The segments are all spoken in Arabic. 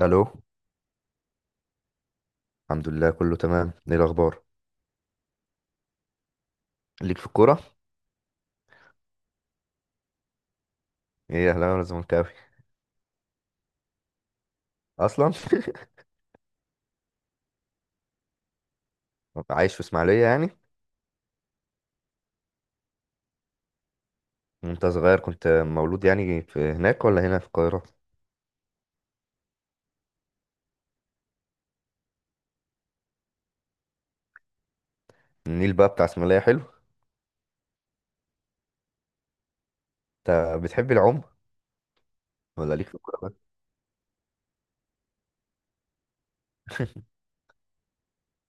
الو. الحمد لله كله تمام، ايه الاخبار؟ ليك في الكوره؟ ايه، اهلاوي ولا زملكاوي؟ اصلا عايش في اسماعيليه يعني؟ وانت صغير كنت مولود يعني في هناك ولا هنا في القاهره؟ النيل بقى بتاع اسماعيليه حلو. انت بتحب العوم ولا ليك في الكوره بقى؟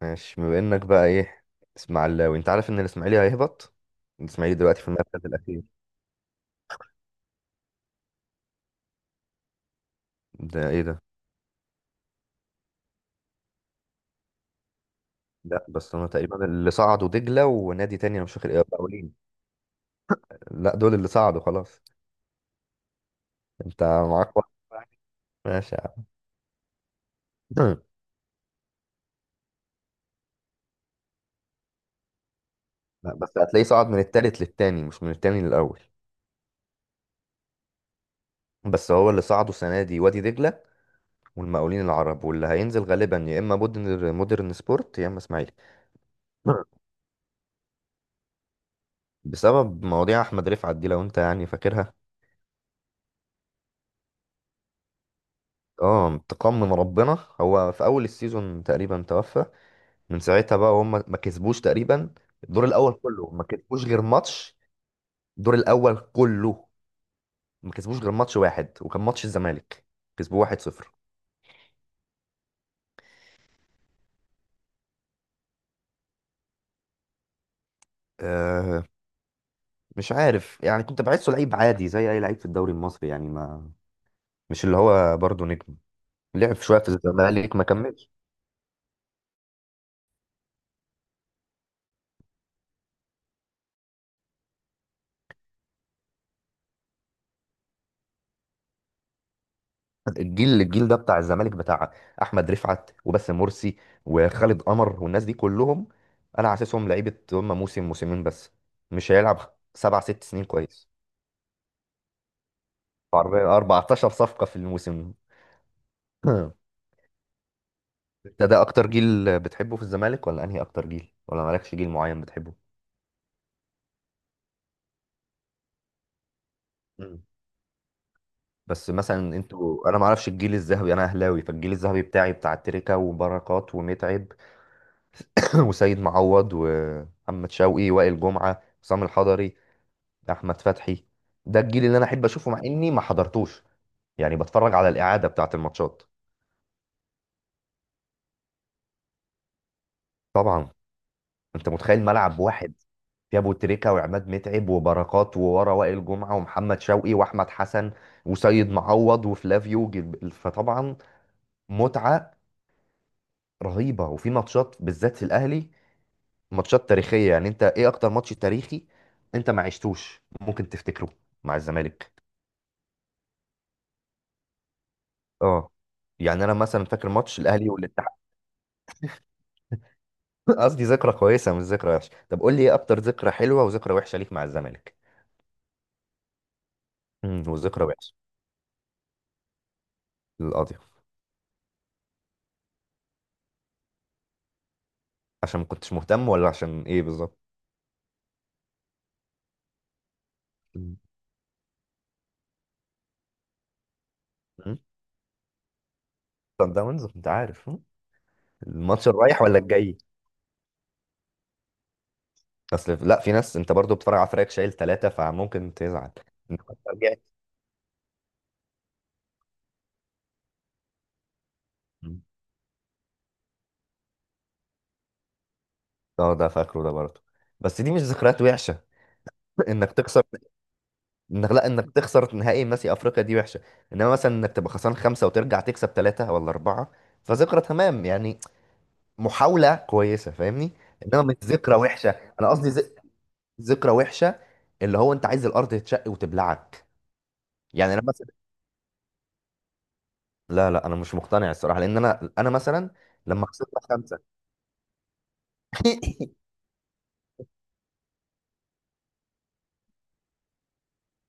ماشي، بما انك بقى ايه، اسماعيلاوي، انت عارف ان الاسماعيلي هيهبط؟ الاسماعيلي دلوقتي في المركز الاخير. ده ايه ده؟ لا بس انا تقريبا اللي صعدوا دجله ونادي تاني انا مش فاكر، ايه، مقاولين. لا دول اللي صعدوا خلاص. انت معاك واحد؟ ماشي يا عم. لا بس هتلاقيه صعد من التالت للتاني مش من التاني للأول. بس هو اللي صعدوا السنة دي وادي دجلة والمقاولين العرب، واللي هينزل غالبا يا إما مودرن سبورت يا إما إسماعيلي. بسبب مواضيع أحمد رفعت دي لو أنت يعني فاكرها. اه تقمم، ربنا هو في أول السيزون تقريبا توفى. من ساعتها بقى هم ما كسبوش تقريبا. الدور الأول كله ما كسبوش غير ماتش. الدور الأول كله ما كسبوش غير ماتش واحد، وكان ماتش الزمالك، كسبوه 1-0. مش عارف يعني، كنت بحسه لعيب عادي زي اي لعيب في الدوري المصري يعني. ما مش اللي هو برضه نجم؟ لعب شويه في الزمالك ما كملش. الجيل ده بتاع الزمالك، بتاع احمد رفعت وباسم مرسي وخالد قمر والناس دي كلهم، انا حاسسهم لعيبه هم موسم موسمين بس. مش هيلعب سبع ست سنين كويس. عربية 14 صفقه في الموسم. انت ده اكتر جيل بتحبه في الزمالك، ولا انهي اكتر جيل، ولا مالكش جيل معين بتحبه؟ بس مثلا انتوا، انا ما اعرفش، الجيل الذهبي، انا اهلاوي فالجيل الذهبي بتاعي بتاع تريكا وبركات ومتعب وسيد معوض ومحمد شوقي، وائل جمعة، حسام الحضري، احمد فتحي. ده الجيل اللي انا احب اشوفه مع اني ما حضرتوش، يعني بتفرج على الاعادة بتاعت الماتشات. طبعا. انت متخيل ملعب واحد فيه ابو تريكة وعماد متعب وبركات، وورا وائل جمعة ومحمد شوقي واحمد حسن وسيد معوض وفلافيو فطبعا متعة رهيبة. وفي ماتشات بالذات في الاهلي، ماتشات تاريخية يعني. انت ايه اكتر ماتش تاريخي انت ما عشتوش ممكن تفتكره مع الزمالك؟ اه. يعني انا مثلا فاكر ماتش الاهلي والاتحاد. قصدي ذكرى كويسة مش ذكرى وحشة. طب قول لي ايه اكتر ذكرى حلوة وذكرى وحشة ليك مع الزمالك. وذكرى وحشة؟ للقاضي؟ عشان ما كنتش مهتم ولا عشان ايه بالظبط؟ مم. مم. صن داونز، انت عارف. الماتش الرايح ولا الجاي؟ اصل لا، في ناس انت برضو بتتفرج على فريقك شايل ثلاثة فممكن تزعل. انت رجعت. مم. اه ده فاكره ده برضو. بس دي مش ذكريات وحشة، انك تخسر. انك، لا، انك تخسر نهائي ماسي افريقيا دي وحشه. انما مثلا انك تبقى خسران خمسه وترجع تكسب ثلاثه ولا اربعه، فذكرى تمام يعني، محاوله كويسه، فاهمني؟ انما مش ذكرى وحشه. انا قصدي ذكرى وحشه اللي هو انت عايز الارض تتشق وتبلعك. يعني انا مثلا، لا لا، انا مش مقتنع الصراحه، لان انا مثلا لما خسرت خمسه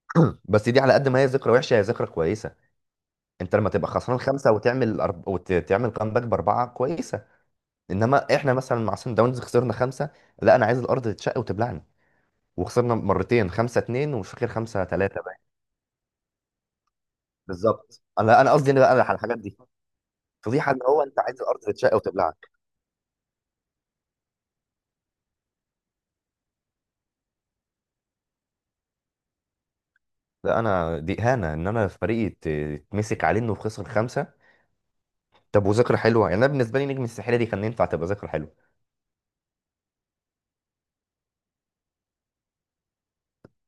بس دي على قد ما هي ذكرى وحشه هي ذكرى كويسه. انت لما تبقى خسران خمسه وتعمل وتعمل كامباك باربعه كويسه. انما احنا مثلا مع سان داونز خسرنا خمسه، لا انا عايز الارض تتشق وتبلعني. وخسرنا مرتين خمسة اتنين، ومش فاكر خمسة تلاتة باين. بالظبط، انا قصدي ان بقى على الحاجات دي. فضيحه ان هو انت عايز الارض تتشق وتبلعك. لا انا دي اهانه، ان انا فريقي تمسك عليه انه خسر خمسه. طب وذكرى حلوه؟ يعني انا بالنسبه لي نجم الساحليه دي كان ينفع تبقى ذكرى حلوه.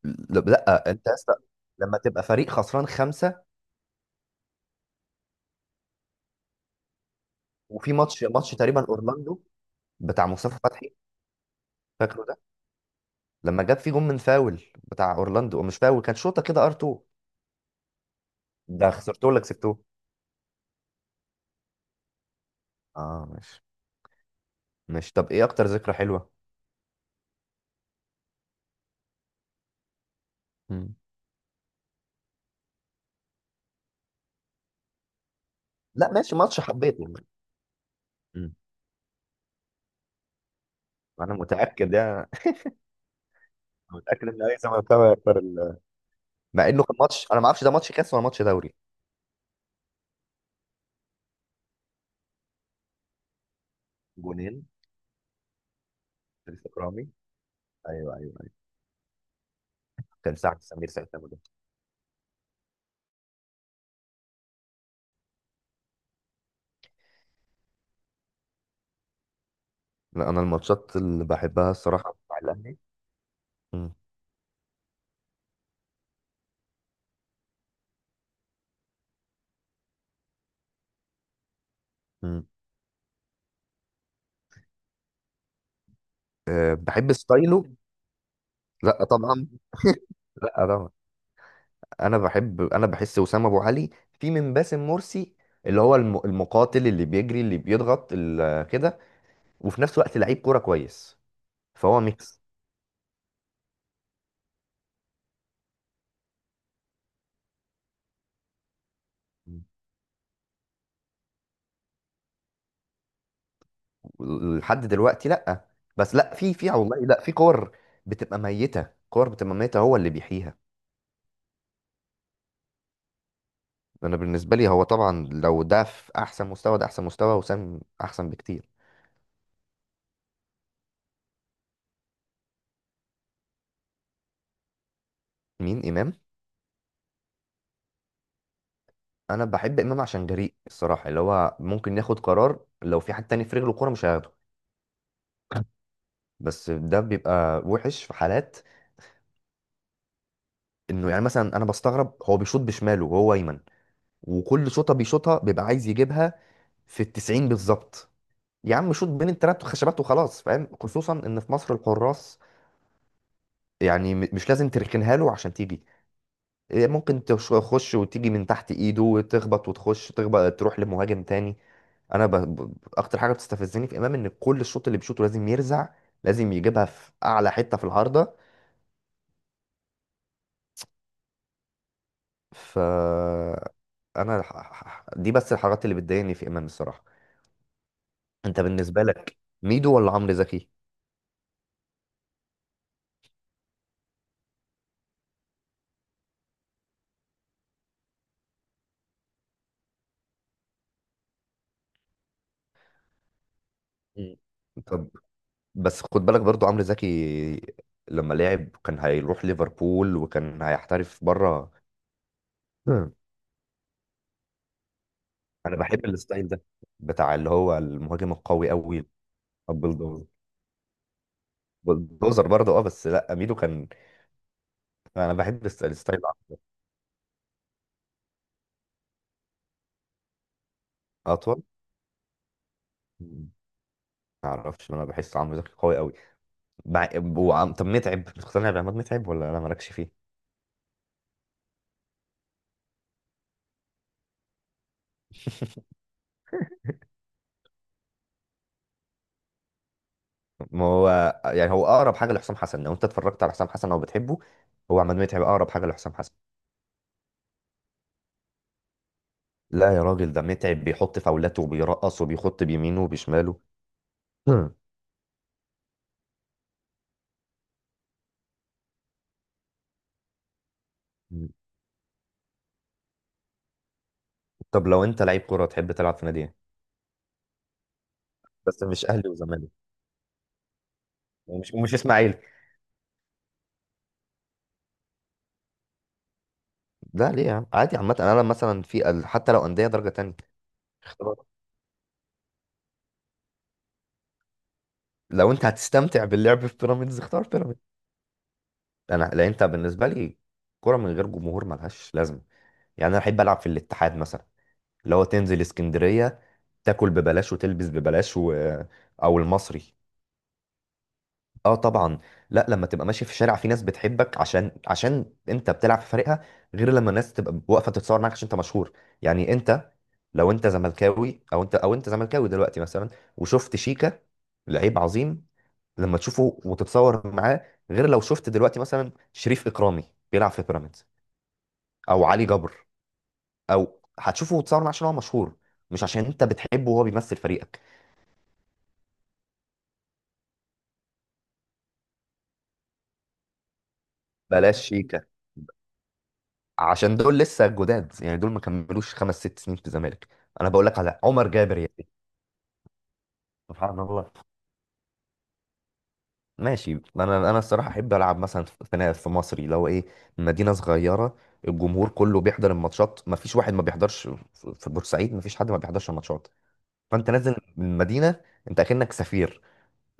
لا لا، انت يا اسطى، لما تبقى فريق خسران خمسه. وفي ماتش تقريبا اورلاندو بتاع مصطفى فتحي، فاكره؟ لما جاب فيه جون من فاول بتاع اورلاندو، أو مش فاول، كان شوطه كده ار 2. ده خسرته ولا كسبته؟ اه ماشي، ماشي. طب ايه اكتر ذكرى حلوه؟ مم. لا ماشي، ماتش حبيته يعني. مم. انا متاكد يعني. أنا متاكد ان اي زملكاوي هيختار مع انه كان ماتش انا ما اعرفش ده ماتش كاس ولا ماتش دوري. جونين، في اكرامي. ايوه ايوه ايوه. كان سعد سمير ساعتها مدرب. لا انا الماتشات اللي بحبها الصراحه بتاع الاهلي. مم. مم. أه، بحب ستايله. لا طبعا، لا طبعا. انا بحب، انا بحس وسام ابو علي في من باسم مرسي، اللي هو المقاتل اللي بيجري اللي بيضغط كده، وفي نفس الوقت لعيب كوره كويس. فهو ميكس. لحد دلوقتي لا، بس لا في، في والله لا، في كور بتبقى ميته، كور بتبقى ميته هو اللي بيحييها. انا بالنسبه لي، هو طبعا لو ده في احسن مستوى ده احسن مستوى، وسام احسن بكتير. مين امام؟ انا بحب امام عشان جريء الصراحه، اللي هو ممكن ياخد قرار لو في حد تاني في رجله كوره مش هياخده. بس ده بيبقى وحش في حالات، انه يعني مثلا انا بستغرب هو بيشوط بشماله وهو ايمن، وكل شوطه بيشوطها بيبقى عايز يجيبها في التسعين بالظبط. يا عم شوط بين التلات خشبات وخلاص، فاهم؟ خصوصا ان في مصر الحراس، يعني مش لازم تركنها له عشان تيجي. إيه، ممكن تخش وتيجي من تحت ايده وتخبط، وتخش تخبط تروح لمهاجم تاني. انا ب... ب... اكتر حاجه بتستفزني في امام ان كل الشوط اللي بيشوطه لازم يرزع، لازم يجيبها في اعلى حته في العارضه. ف انا ح- ح- ح- دي بس الحاجات اللي بتضايقني في امام الصراحه. انت بالنسبه لك ميدو ولا عمرو زكي؟ مم. طب بس خد بالك برضو عمرو زكي لما لعب كان هيروح ليفربول وكان هيحترف بره. مم. انا بحب الستايل ده بتاع اللي هو المهاجم القوي قوي، البلدوزر. بلدوزر برضه، اه، بس لا ميدو كان. انا بحب الستايل. اطول. مم. ما اعرفش، انا بحس عمرو زكي قوي قوي. مع... طب متعب، بتقتنع بعماد متعب ولا انا مالكش فيه؟ ما هو يعني هو اقرب حاجه لحسام حسن. لو انت اتفرجت على حسام حسن او بتحبه، هو عماد متعب اقرب حاجه لحسام حسن. لا يا راجل، ده متعب بيحط فاولاته وبيرقص وبيخط بيمينه وبشماله. هم. طب لو انت لعيب كوره تحب تلعب في نادي ايه، بس مش اهلي وزمالك؟ ومش مش اسماعيلي. لا ليه يا عم، عادي عامه، انا مثلا في حتى لو انديه درجه تانية. اختار. لو انت هتستمتع باللعب في بيراميدز اختار بيراميدز. انا لا، انت بالنسبه لي كوره من غير جمهور ملهاش لازمه. يعني انا احب العب في الاتحاد مثلا، اللي هو تنزل اسكندرية، تاكل ببلاش وتلبس ببلاش و... او المصري. اه طبعا. لا لما تبقى ماشي في الشارع، في ناس بتحبك عشان، عشان انت بتلعب في فريقها، غير لما الناس تبقى واقفة تتصور معاك عشان انت مشهور. يعني انت، لو انت زملكاوي، او انت، او انت زملكاوي دلوقتي مثلا وشفت شيكا، لعيب عظيم، لما تشوفه وتتصور معاه، غير لو شفت دلوقتي مثلا شريف إكرامي بيلعب في بيراميدز او علي جبر، او هتشوفه وتتصور معاه عشان هو مشهور، مش عشان انت بتحبه وهو بيمثل فريقك. بلاش شيكا، عشان دول لسه جداد يعني، دول ما كملوش خمس ست سنين في الزمالك. انا بقول لك على عمر جابر يا سيدي. سبحان الله. ماشي، انا الصراحه احب العب مثلا في، في، في مصري لو ايه، مدينه صغيره، الجمهور كله بيحضر الماتشات ما فيش واحد ما بيحضرش، في، في بورسعيد ما فيش حد ما بيحضرش الماتشات. فانت نازل من المدينه، انت اكنك سفير،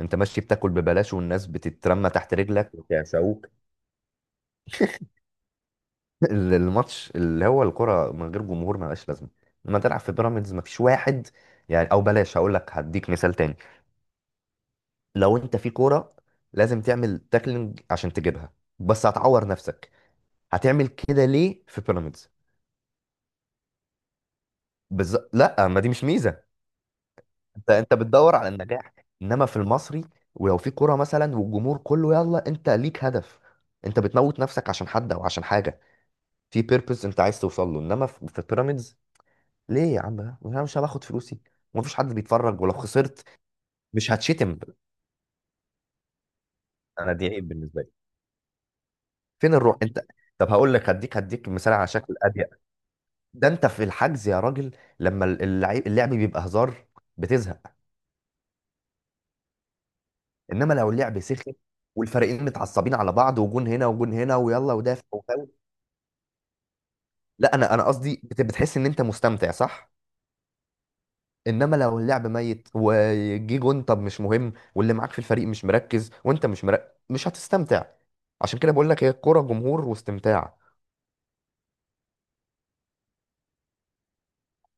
انت ماشي بتاكل ببلاش والناس بتترمى تحت رجلك وتعشقوك. الماتش اللي هو الكرة من غير جمهور ملهاش لازمة. لما تلعب في بيراميدز مفيش واحد يعني، او بلاش هقول لك هديك مثال تاني. لو انت في كورة لازم تعمل تاكلينج عشان تجيبها بس هتعور نفسك، هتعمل كده ليه في بيراميدز؟ لا ما دي مش ميزة. انت، انت بتدور على النجاح. انما في المصري، ولو في كورة مثلا والجمهور كله يلا، انت ليك هدف، انت بتموت نفسك عشان حد او عشان حاجة. في بيربز انت عايز توصل له، انما في، في بيراميدز ليه يا عم؟ لا، انا مش هاخد فلوسي ومفيش حد بيتفرج، ولو خسرت مش هتشتم. انا دي عيب بالنسبه لي. فين الروح انت؟ طب هقول لك هديك، هديك مثال على شكل اضيق. ده انت في الحجز يا راجل، لما اللعب، اللعب بيبقى هزار، بتزهق. انما لو اللعب سخن والفريقين متعصبين على بعض وجون هنا وجون هنا ويلا ودافع وفاول. لا انا قصدي بتحس ان انت مستمتع صح. انما لو اللعب ميت وجي جون طب مش مهم، واللي معاك في الفريق مش مركز وانت مش مركز مش هتستمتع. عشان كده بقول لك هي الكوره جمهور واستمتاع.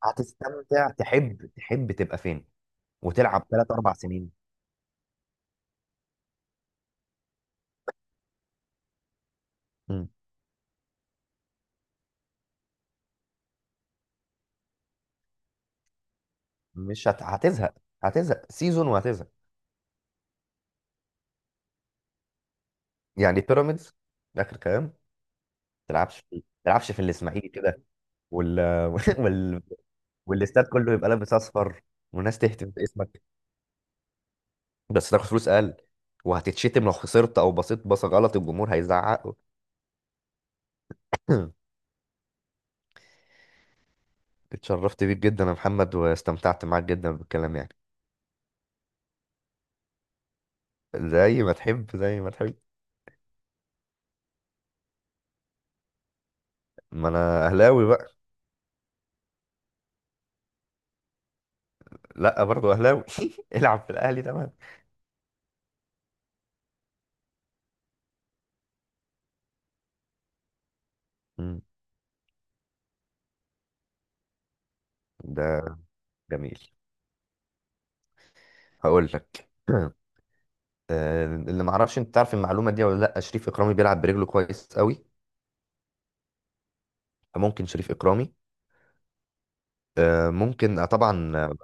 هتستمتع، تحب، تحب تبقى فين؟ وتلعب ثلاث اربع سنين. مم. مش هت... هتزهق، هتزهق سيزون وهتزهق. يعني بيراميدز اخر كلام؟ تلعبش في الاسماعيلي كده، وال... وال... والاستاد كله يبقى لابس اصفر والناس تهتف باسمك، بس تاخد فلوس اقل وهتتشتم لو خسرت او بصيت بصه غلط الجمهور هيزعق. اتشرفت بيك جدا يا محمد، واستمتعت معاك جدا بالكلام يعني. زي ما تحب زي ما تحب. ما انا اهلاوي بقى. لا برضو اهلاوي. العب في الاهلي تمام. مم. ده جميل. هقول لك آه، اللي ما اعرفش انت تعرف المعلومه دي ولا لا، شريف اكرامي بيلعب برجله كويس قوي. ممكن شريف اكرامي. آه، ممكن آه، طبعا آه،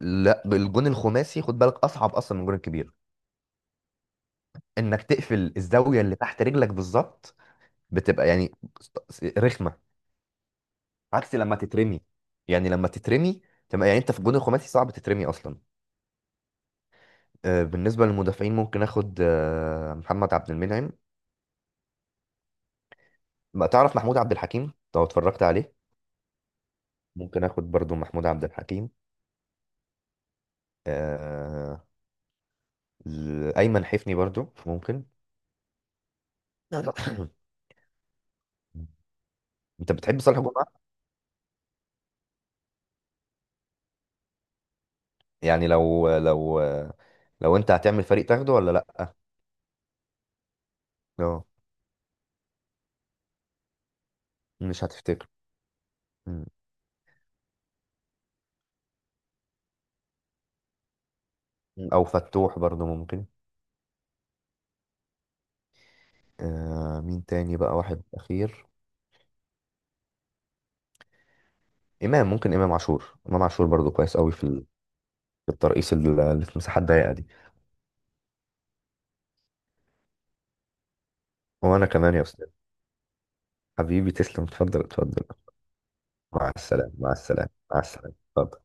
لا الجون الخماسي خد بالك اصعب اصلا من الجون الكبير، انك تقفل الزاويه اللي تحت رجلك بالظبط. بتبقى يعني رخمه، عكس لما تترمي. يعني لما تترمي تبقى يعني، انت في الجون الخماسي صعب تترمي اصلا. آه، بالنسبه للمدافعين ممكن اخد آه، محمد عبد المنعم. ما تعرف محمود عبد الحكيم، لو اتفرجت عليه. ممكن اخد برضو محمود عبد الحكيم. آه، ايمن حفني برضو ممكن. انت بتحب صالح جمعه؟ يعني لو لو، لو انت هتعمل فريق تاخده ولا لا؟ اه. مش هتفتكر. او فتوح برضو ممكن. آه، مين تاني بقى، واحد اخير. امام ممكن، امام عاشور، امام عاشور برضو كويس قوي في في الترقيص اللي في مساحات ضيقه دي. وانا كمان يا استاذ. حبيبي تسلم، اتفضل اتفضل. مع السلامه، مع السلامه، مع السلامه، اتفضل.